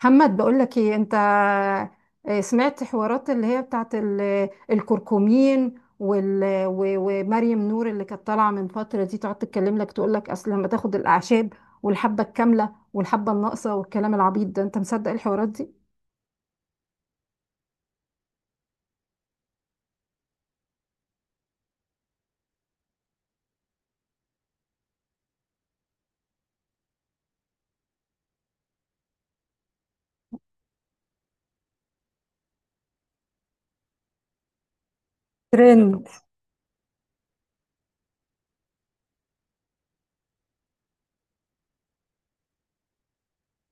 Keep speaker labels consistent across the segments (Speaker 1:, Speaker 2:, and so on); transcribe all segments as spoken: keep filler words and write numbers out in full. Speaker 1: محمد، بقول لك ايه انت؟ آه، سمعت حوارات اللي هي بتاعت ال- الكركمين وال- و- ومريم نور اللي كانت طالعه من فتره دي تقعد تتكلم لك تقول لك اصل لما تاخد الاعشاب والحبه الكامله والحبه الناقصه والكلام العبيط ده. انت مصدق الحوارات دي؟ ترند.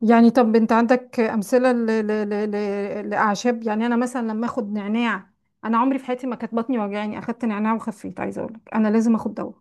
Speaker 1: يعني طب انت عندك امثله ل... ل... ل... ل... لاعشاب؟ يعني انا مثلا لما اخد نعناع، انا عمري في حياتي ما كانت بطني وجعاني اخدت نعناع وخفيت. عايزه اقول لك انا لازم اخد دواء.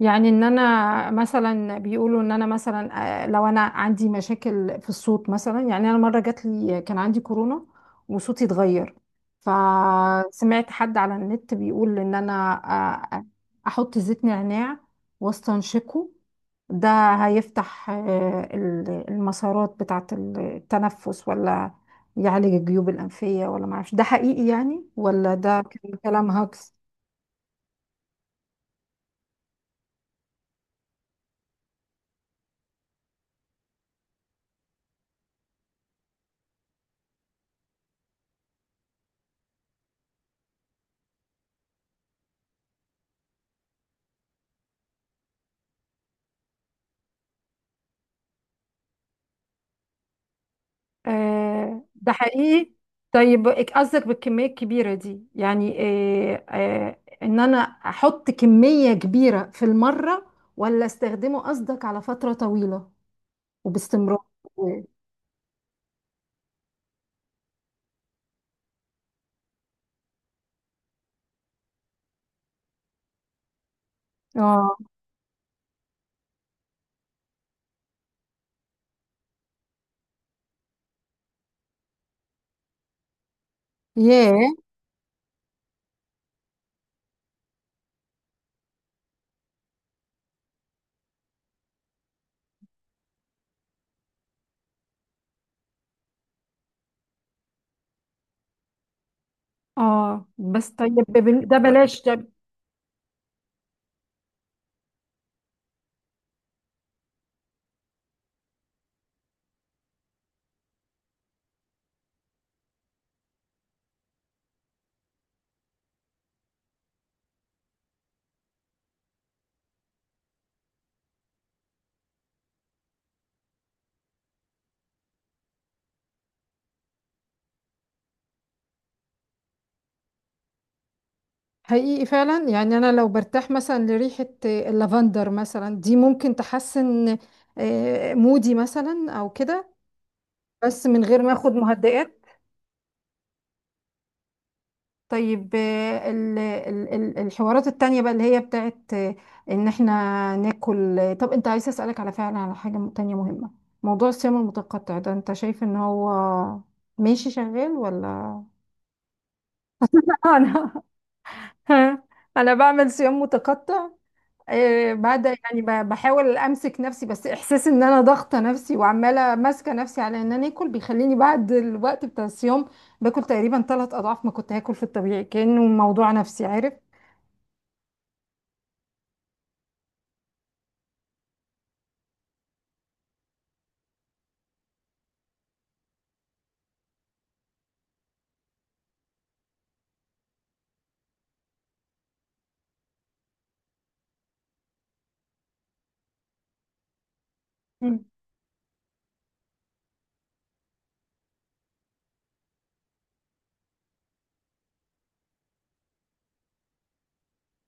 Speaker 1: يعني ان انا مثلا بيقولوا ان انا مثلا، آه، لو انا عندي مشاكل في الصوت مثلا، يعني انا مره جات لي كان عندي كورونا وصوتي اتغير، فسمعت حد على النت بيقول ان انا، آه، احط زيت نعناع واستنشقه، ده هيفتح آه، ال- المسارات بتاعه التنفس، ولا يعالج الجيوب الانفيه؟ ولا معرفش ده حقيقي يعني ولا ده كان كلام هاكس؟ آه، ده حقيقي؟ طيب قصدك بالكمية الكبيرة دي يعني، آه، آه، ان انا احط كمية كبيرة في المرة، ولا استخدمه قصدك على فترة طويلة وباستمرار؟ اه. ياه. اه بس طيب بال- ده بلاش ده. حقيقي فعلا. يعني انا لو برتاح مثلا لريحة آه، اللافندر مثلا، دي ممكن تحسن آه، مودي مثلا او كده، بس من غير ما اخد مهدئات. طيب آه، ال- ال- ال- الحوارات التانية بقى اللي هي بتاعت آه، ان احنا ناكل آه، طب انت عايز اسألك على فعلا على حاجة م- تانية مهمة. موضوع الصيام المتقطع ده، انت شايف ان هو ماشي شغال ولا؟ انا انا بعمل صيام متقطع. آه، بعد يعني ب- بحاول امسك نفسي، بس احساس ان انا ضاغطه نفسي وعماله ماسكه نفسي على ان انا اكل، بيخليني بعد الوقت بتاع الصيام باكل تقريبا ثلاث اضعاف ما كنت هاكل في الطبيعي، كانه موضوع نفسي، عارف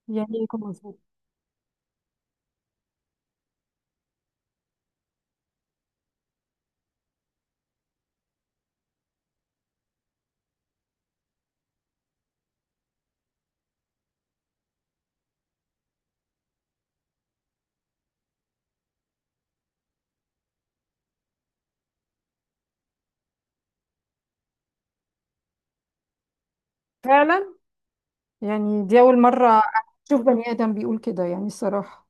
Speaker 1: يعني؟ يكون مظبوط. فعلا. يعني دي أول مرة أشوف بني آدم بيقول كده يعني الصراحة.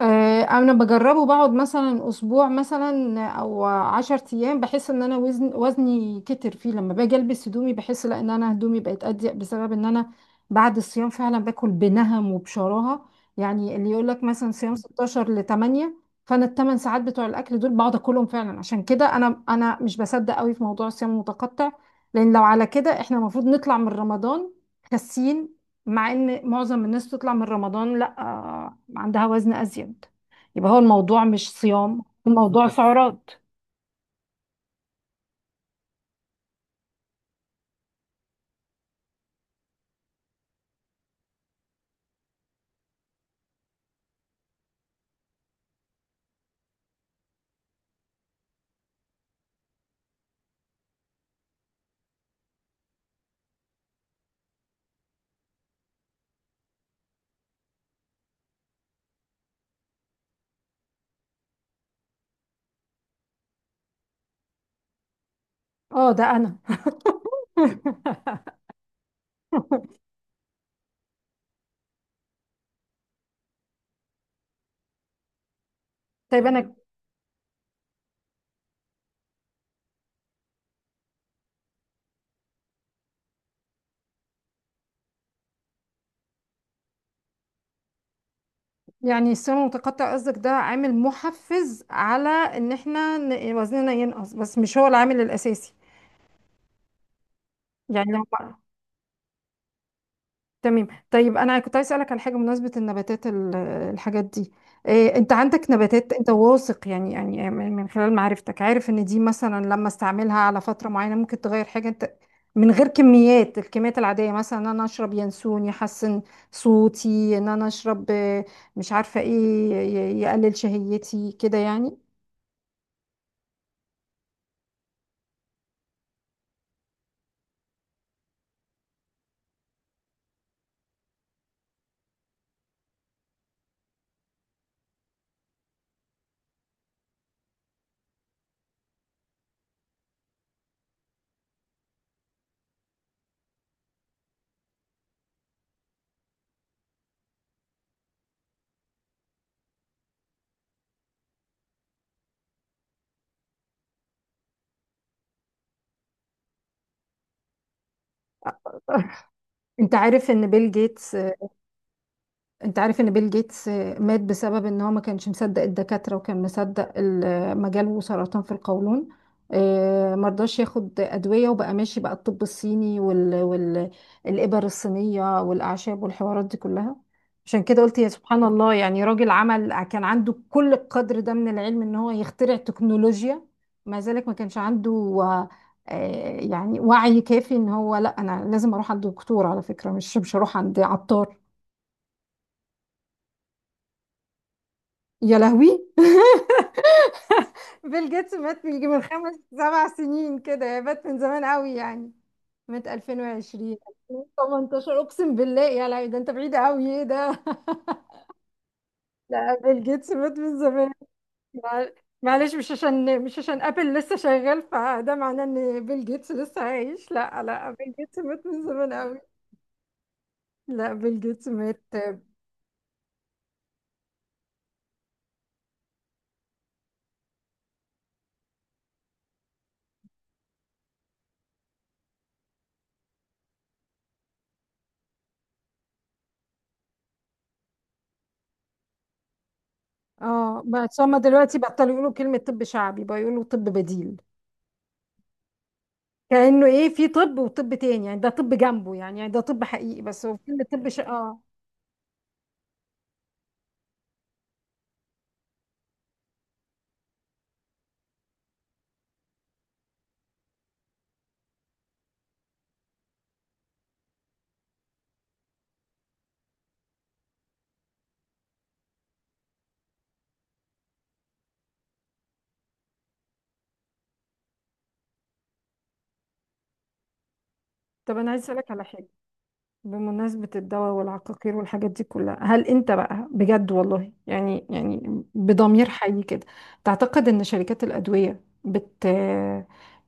Speaker 1: آه، انا بجربه، بقعد مثلا اسبوع مثلا او عشر ايام، بحس ان انا وزن وزني كتر فيه، لما باجي البس هدومي بحس لا ان انا هدومي بقت اضيق بسبب ان انا بعد الصيام فعلا باكل بنهم وبشراهه. يعني اللي يقول لك مثلا صيام ستاشر ل تمانية، فانا الثمان ساعات بتوع الاكل دول بقعد اكلهم فعلا. عشان كده انا انا مش بصدق قوي في موضوع الصيام المتقطع. لان لو على كده احنا المفروض نطلع من رمضان خاسين، مع ان معظم الناس تطلع من رمضان لا، آه، عندها وزن ازيد. يبقى هو الموضوع مش صيام، الموضوع سعرات. اه ده انا. طيب انا. يعني الصيام المتقطع قصدك ده عامل محفز على ان احنا ن- وزننا ينقص، بس مش هو العامل الاساسي. يعني لو. تمام. طيب انا كنت عايز اسالك على حاجه بمناسبه النباتات ال- آه، الحاجات دي. إيه، انت عندك نباتات انت واثق يعني، يعني من من خلال معرفتك عارف ان دي مثلا لما استعملها على فتره معينه ممكن تغير حاجه، انت من غير كميات، الكميات العاديه؟ مثلا ان انا اشرب ينسون يحسن صوتي، ان انا اشرب آه، مش عارفه ايه، ي- يقلل شهيتي كده يعني. انت عارف ان بيل جيتس، انت عارف ان بيل جيتس آه، مات بسبب ان هو ما كانش مصدق الدكاترة، وكان مصدق ال- مجاله سرطان في القولون، آه، مرضاش ياخد ادوية وبقى ماشي بقى الطب الصيني وال... وال... الابر الصينية والاعشاب والحوارات دي كلها. عشان كده قلت يا سبحان الله، يعني راجل عمل كان عنده كل القدر ده من العلم ان هو يخترع تكنولوجيا، مع ذلك ما كانش عنده آه، آه، يعني وعي كافي ان هو لا انا لازم اروح عند دكتور، على فكرة مش مش هروح عند عطار. يا لهوي. بيل جيتس مات من يجي من خمس سبع سنين كده، يا مات من زمان قوي يعني. مات ألفين وعشرين. ألفين وثمانية عشر اقسم بالله. يا لهوي ده انت بعيد قوي، ايه ده؟ لا بيل جيتس مات من زمان. مع- معلش، مش عشان، مش عشان ابل لسه شغال فده معناه ان بيل جيتس لسه عايش. لا لا، بيل جيتس مات من زمان قوي. لا بيل جيتس مات. اه، بس هما دلوقتي بطلوا يقولوا كلمة طب شعبي، بقى يقولوا طب بديل، كأنه ايه؟ في طب وطب تاني يعني؟ ده طب جنبه يعني، يعني ده طب حقيقي، بس هو فيلم طب ش... اه. طب انا عايز اسالك على حاجه بمناسبة الدواء والعقاقير والحاجات دي كلها. هل انت بقى بجد، والله يعني، يعني بضمير حي كده تعتقد ان شركات الأدوية بت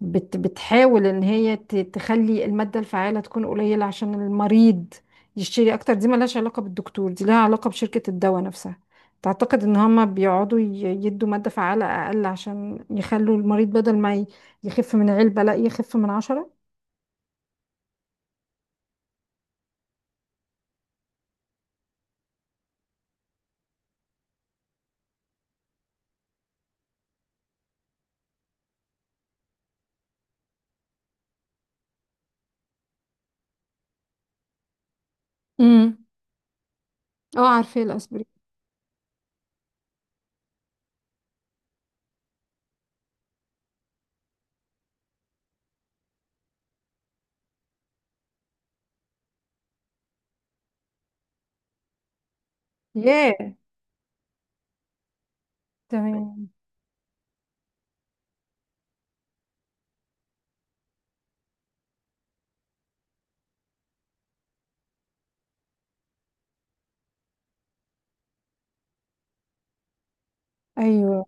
Speaker 1: بت بتحاول ان هي ت- تخلي المادة الفعالة تكون قليلة عشان المريض يشتري اكتر؟ دي ملهاش علاقة بالدكتور، دي لها علاقة بشركة الدواء نفسها. تعتقد ان هما بيقعدوا ي- يدوا مادة فعالة اقل عشان يخلوا المريض بدل ما ي- يخف من علبة لا يخف من عشرة؟ امم. اه، عارفة الاسبرين. ياه. تمام. ايوه.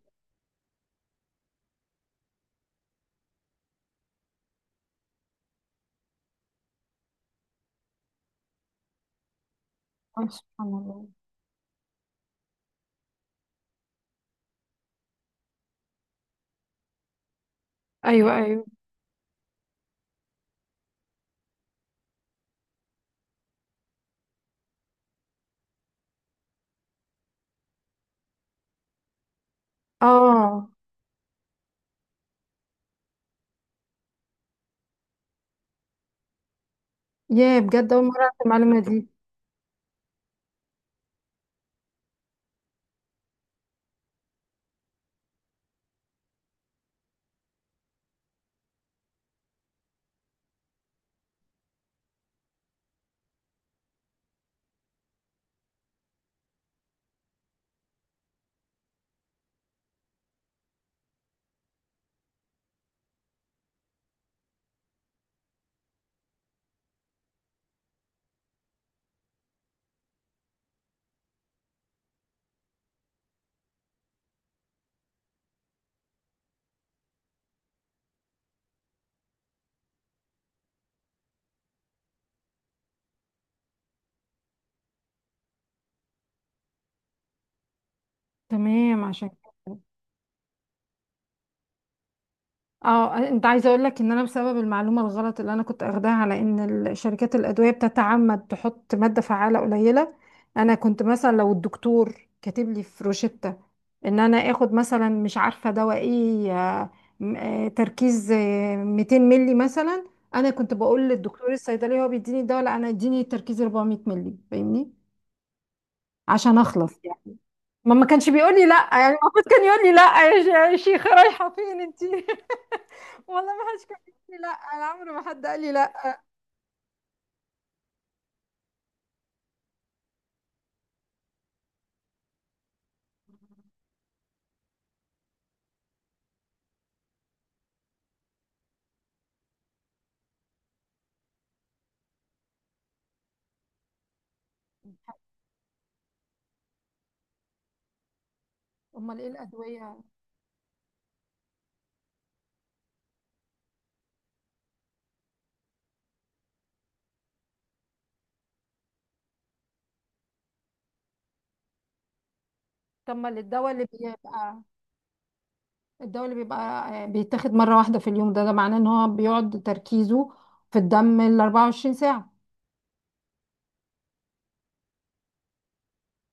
Speaker 1: آه، سبحان الله. ايوه ايوه. اه. يا بجد، اول مره اعرف المعلومه دي. تمام عشان كده. اه، انت عايزه اقول لك ان انا بسبب المعلومه الغلط اللي انا كنت اخداها على ان ال- شركات الادويه بتتعمد تحط ماده فعاله قليله، انا كنت مثلا لو الدكتور كاتب لي في روشته ان انا اخد مثلا مش عارفه دواء ايه، آه، م- آه، تركيز آه، ميتين ملي مثلا، انا كنت بقول للدكتور الصيدلي، هو بيديني الدواء، لا انا اديني تركيز أربعمية ملي، فاهمني؟ عشان اخلص يعني. ما ما كانش بيقول لي لا. يعني المفروض كان يقول لي لا يا ش- يا شيخه رايحه فين انت. والله ما حدش كان بيقول لي لا. انا عمري ما حد قال لي لا. امال ايه الادويه؟ طب ما الدواء اللي بيبقى، الدواء اللي بيبقى آه، بيتاخد مره واحده في اليوم، ده ده معناه ان هو بيقعد تركيزه في الدم ال أربعة وعشرين ساعه؟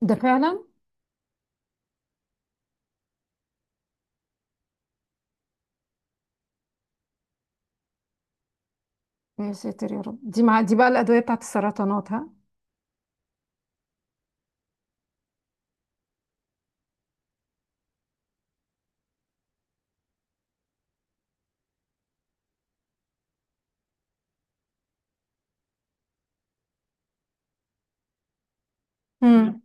Speaker 1: ده فعلا. يا ساتر يا رب. دي مع دي بقى الادويه بتاعت السرطانات ها؟ امم.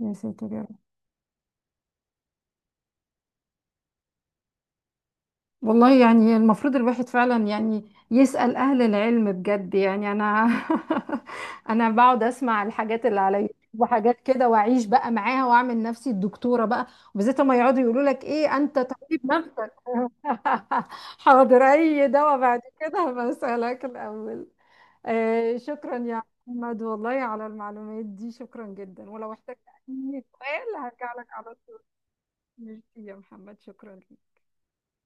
Speaker 1: يا ساتر يا رب. والله يعني المفروض الواحد فعلا يعني يسأل أهل العلم بجد. يعني أنا أنا بقعد أسمع الحاجات اللي على يوتيوب وحاجات كده وأعيش بقى معاها وأعمل نفسي الدكتورة بقى. وبالذات لما يقعدوا يقولوا لك إيه، أنت طبيب نفسك. حاضر، أي دواء بعد كده بسألك الأول. آه، شكرا يا محمد والله على المعلومات دي، شكرا جدا. ولو احتجت أي سؤال هرجع لك على طول. ميرسي يا محمد، شكرا ليك.